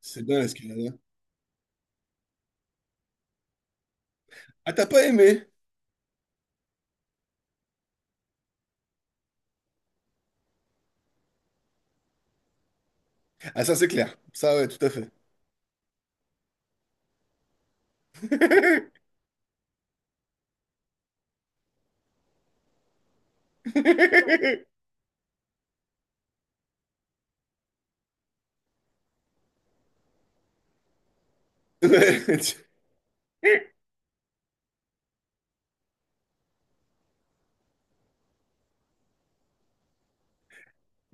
C'est bien l'escalade, hein. Ah, t'as pas aimé? Ah, ça, c'est clair. Ça, ouais, tout à fait. Ouais.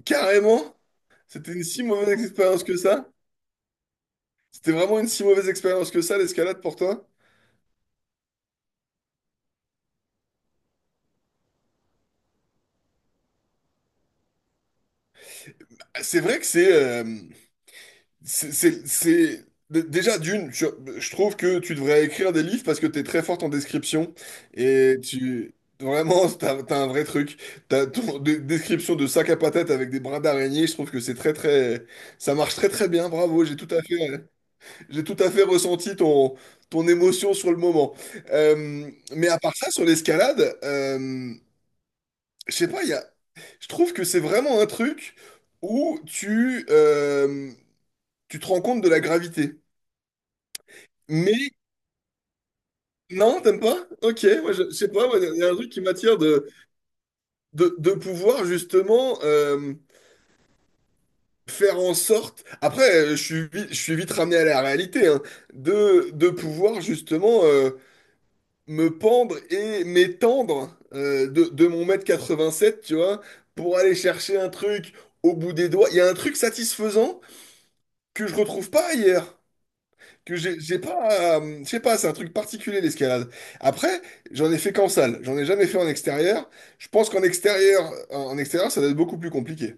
Carrément? C'était une si mauvaise expérience que ça? C'était vraiment une si mauvaise expérience que ça, l'escalade, pour toi? Ah, c'est vrai que c'est. Déjà, d'une, je trouve que tu devrais écrire des livres parce que t'es très forte en description et tu... Vraiment, t'as un vrai truc. T'as ton description de sac à patates avec des brins d'araignée, je trouve que c'est très très. Ça marche très très bien, bravo, j'ai tout à fait, ressenti ton émotion sur le moment. Mais à part ça, sur l'escalade, je sais pas, il y a. Je trouve que c'est vraiment un truc où tu te rends compte de la gravité. Mais non, t'aimes pas? Ok, moi je sais pas, il y a un truc qui m'attire de pouvoir justement faire en sorte. Après, je suis vite ramené à la réalité, hein, de pouvoir justement me pendre et m'étendre de mon mètre 87, tu vois, pour aller chercher un truc au bout des doigts. Il y a un truc satisfaisant que je retrouve pas ailleurs, que j'ai pas, je sais pas, c'est un truc particulier l'escalade. Après, j'en ai fait qu'en salle, j'en ai jamais fait en extérieur. Je pense qu'en extérieur, en extérieur, ça doit être beaucoup plus compliqué.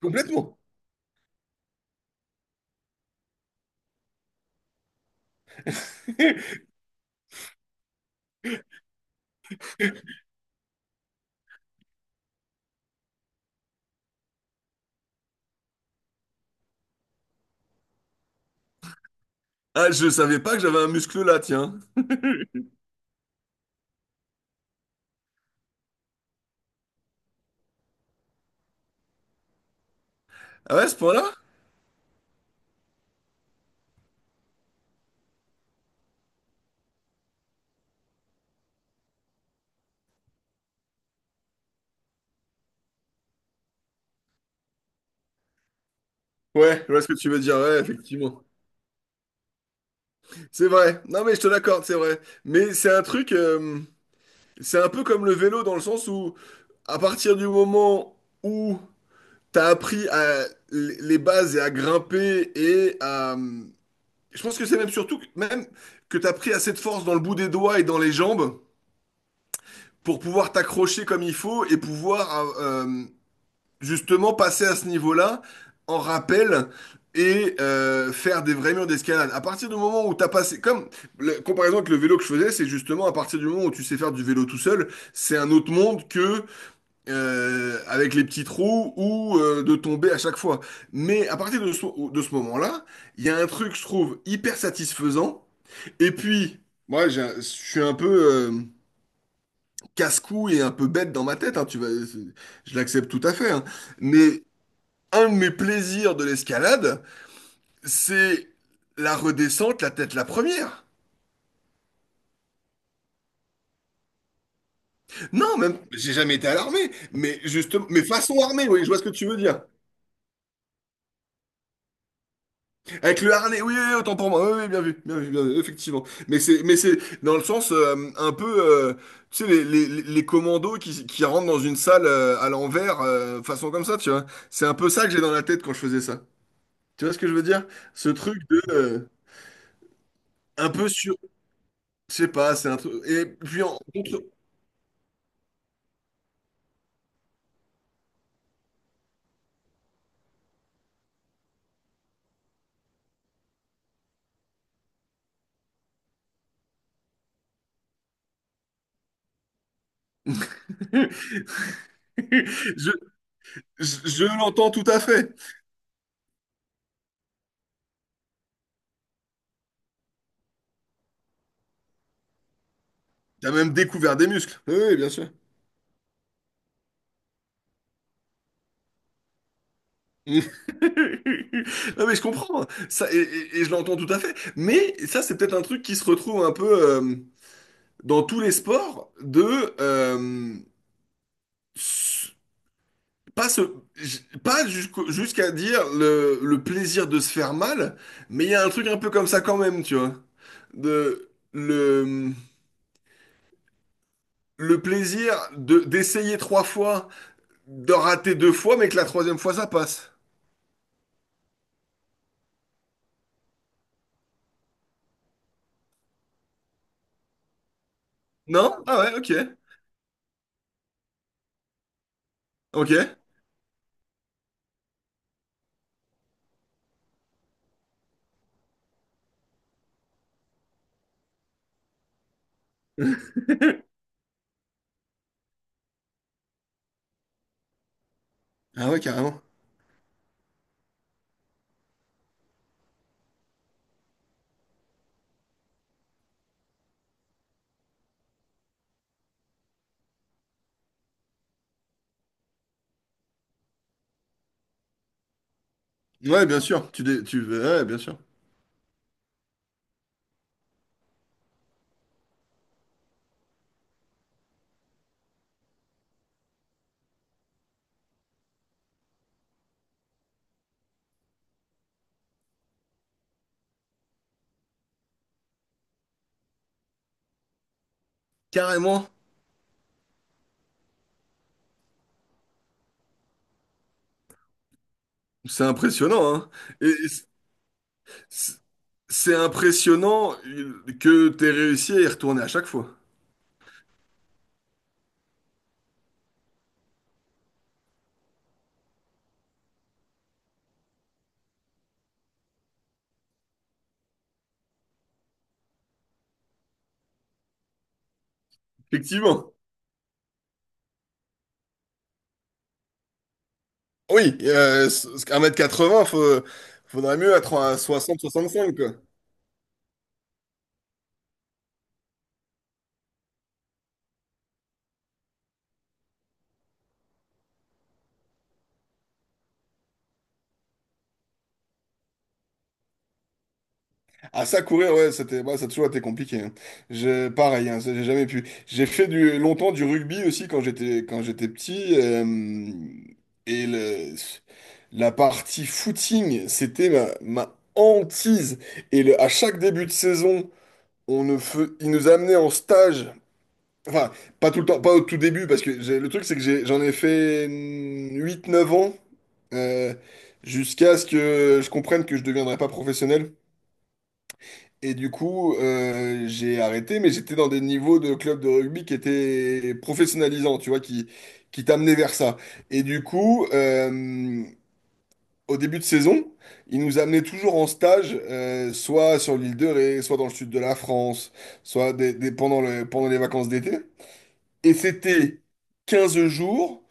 Complètement. Ah, je savais pas que j'avais un muscle là, tiens. Ah ouais, à ce point-là? Ouais, je vois ce que tu veux dire, ouais, effectivement. C'est vrai. Non, mais je te l'accorde, c'est vrai. Mais c'est un truc, c'est un peu comme le vélo dans le sens où, à partir du moment où t'as appris à les bases et à grimper et à, je pense que c'est même surtout que, même que tu as pris assez de force dans le bout des doigts et dans les jambes pour pouvoir t'accrocher comme il faut et pouvoir justement passer à ce niveau-là en rappel et faire des vrais murs d'escalade. À partir du moment où tu as passé, comme la comparaison avec le vélo que je faisais, c'est justement à partir du moment où tu sais faire du vélo tout seul, c'est un autre monde que avec les petits trous ou de tomber à chaque fois. Mais à partir de ce moment-là, il y a un truc, je trouve, hyper satisfaisant et puis, moi, je suis un peu euh, casse-cou et un peu bête dans ma tête, hein, je l'accepte tout à fait, hein. Mais un de mes plaisirs de l'escalade, c'est la redescente, la tête la première. Non, même, j'ai jamais été à l'armée, mais justement, mais façon armée, oui, je vois ce que tu veux dire. Avec le harnais, oui, oui, oui, autant pour moi. Oui, oui, bien vu, bien vu, bien vu, effectivement. Mais c'est dans le sens un peu, euh, tu sais, les commandos qui rentrent dans une salle à l'envers, façon comme ça, tu vois. C'est un peu ça que j'ai dans la tête quand je faisais ça. Tu vois ce que je veux dire? Ce truc de, un peu sur, je sais pas, c'est un truc. Je, je l'entends tout à fait. T'as même découvert des muscles. Oui, oui, bien sûr. Non mais je comprends ça et je l'entends tout à fait. Mais ça c'est peut-être un truc qui se retrouve un peu dans tous les sports de s- pas se j- pas jusqu'au- jusqu'à dire le plaisir de se faire mal, mais il y a un truc un peu comme ça quand même, tu vois. De le plaisir de d'essayer trois fois, de rater deux fois, mais que la troisième fois ça passe. Non? Ah ouais, ok, ok. Ah ouais, carrément. Ouais, bien sûr. Ouais, bien sûr. Carrément. C'est impressionnant, hein. Et c- c- c'est impressionnant que t'aies réussi à y retourner à chaque fois. Effectivement. Oui, un mètre quatre 80 faut, faudrait mieux être à soixante 65 quoi. Ah, ça courir, ouais c'était, bah, ça a toujours été compliqué, hein. Je, pareil, hein, ça, j'ai jamais pu. J'ai fait du longtemps, du rugby aussi quand j'étais petit, et le la partie footing c'était ma hantise et à chaque début de saison, on ne fe- ils nous amenaient en stage, enfin pas tout le temps, pas au tout début, parce que j'ai- le truc c'est que j'ai- j'en ai fait 8 9 ans, euh, jusqu'à ce que je comprenne que je deviendrais pas professionnel. Et du coup, j'ai arrêté, mais j'étais dans des niveaux de club de rugby qui étaient professionnalisants, tu vois, qui t'amenaient vers ça. Et du coup, au début de saison, ils nous amenaient toujours en stage, soit sur l'île de Ré, soit dans le sud de la France, soit pendant pendant les vacances d'été. Et c'était 15 jours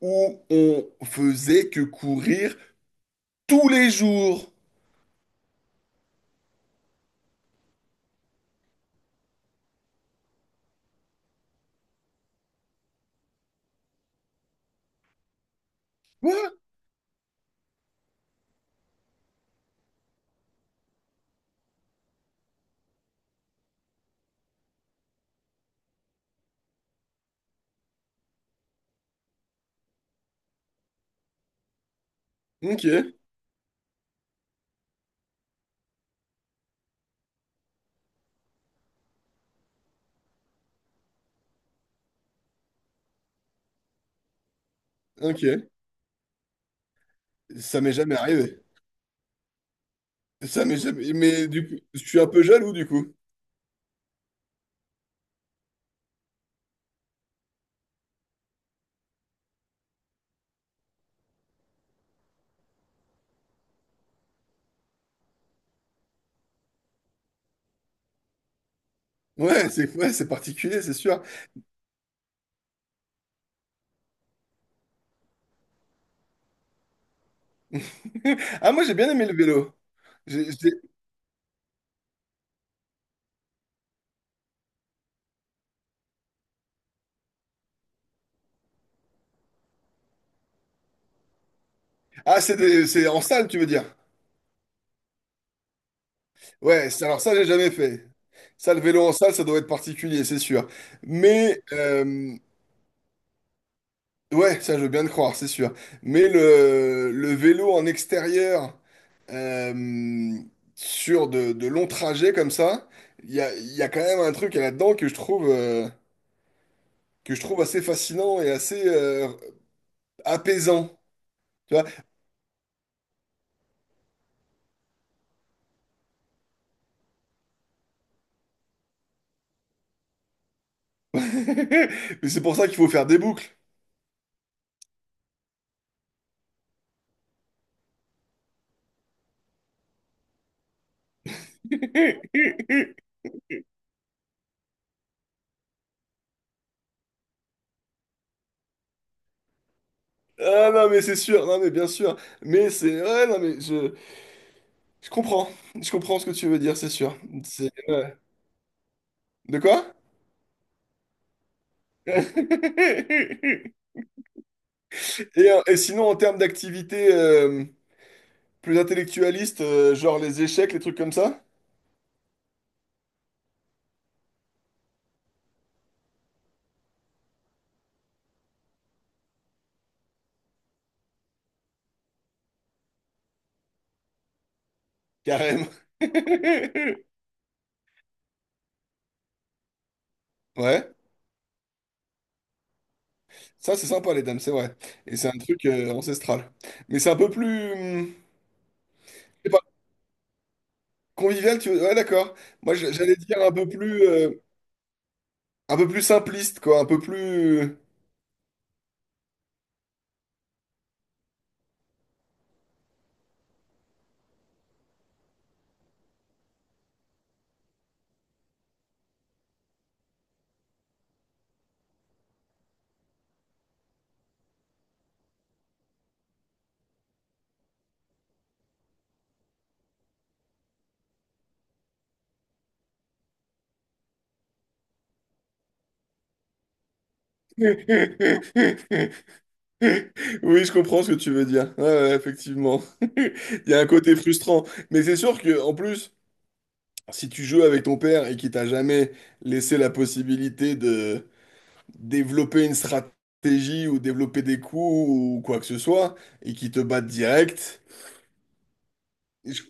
où on faisait que courir tous les jours. Quoi? Ok, ok. Ça m'est jamais arrivé. C'est ça, mais, mais du coup, je suis un peu jaloux du coup. Ouais, c'est, ouais, c'est particulier, c'est sûr. Ah, moi j'ai bien aimé le vélo. J'ai- j'ai- Ah, c'est c'est en salle, tu veux dire? Ouais, alors ça, j'ai jamais fait. Ça, le vélo en salle, ça doit être particulier, c'est sûr. Mais, ouais, ça, je veux bien le croire, c'est sûr. Mais le vélo en extérieur, euh, sur de longs trajets comme ça, il y a quand même un truc là-dedans que je trouve assez fascinant et assez, apaisant. Tu vois? Mais c'est pour ça qu'il faut faire des boucles. Ah non, mais c'est sûr, non, mais bien sûr. Mais c'est. Ouais, non, mais je comprends. Je comprends ce que tu veux dire, c'est sûr. C'est. Ouais. De quoi? Et, et sinon, en termes d'activité plus intellectualiste, genre les échecs, les trucs comme ça? Carrément. Ouais, ça c'est sympa les dames, c'est vrai. Et c'est un truc ancestral. Mais c'est un peu plus convivial, tu. Ouais, d'accord. Moi, j'allais dire un peu plus simpliste, quoi, un peu plus. Oui, je comprends ce que tu veux dire. Ouais, ouais, effectivement. Il y a un côté frustrant. Mais c'est sûr que, en plus, si tu joues avec ton père et qu'il t'a jamais laissé la possibilité de développer une stratégie ou développer des coups ou quoi que ce soit, et qu'il te batte direct, je,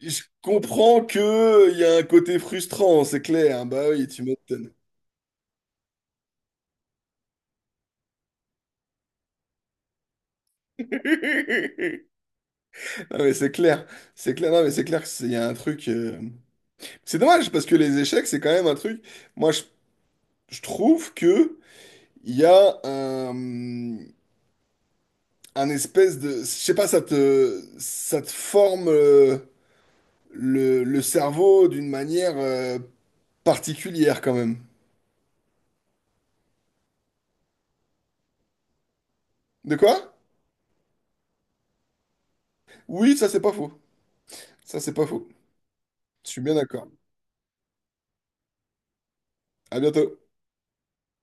je comprends que il y a un côté frustrant, c'est clair. Bah oui, tu m'étonnes. Non mais c'est clair, non mais c'est clair que il y a un truc. C'est dommage parce que les échecs c'est quand même un truc. Moi je trouve que il y a un espèce de, je sais pas, ça te forme le cerveau d'une manière particulière quand même. De quoi? Oui, ça c'est pas faux, ça c'est pas faux. Je suis bien d'accord. À bientôt.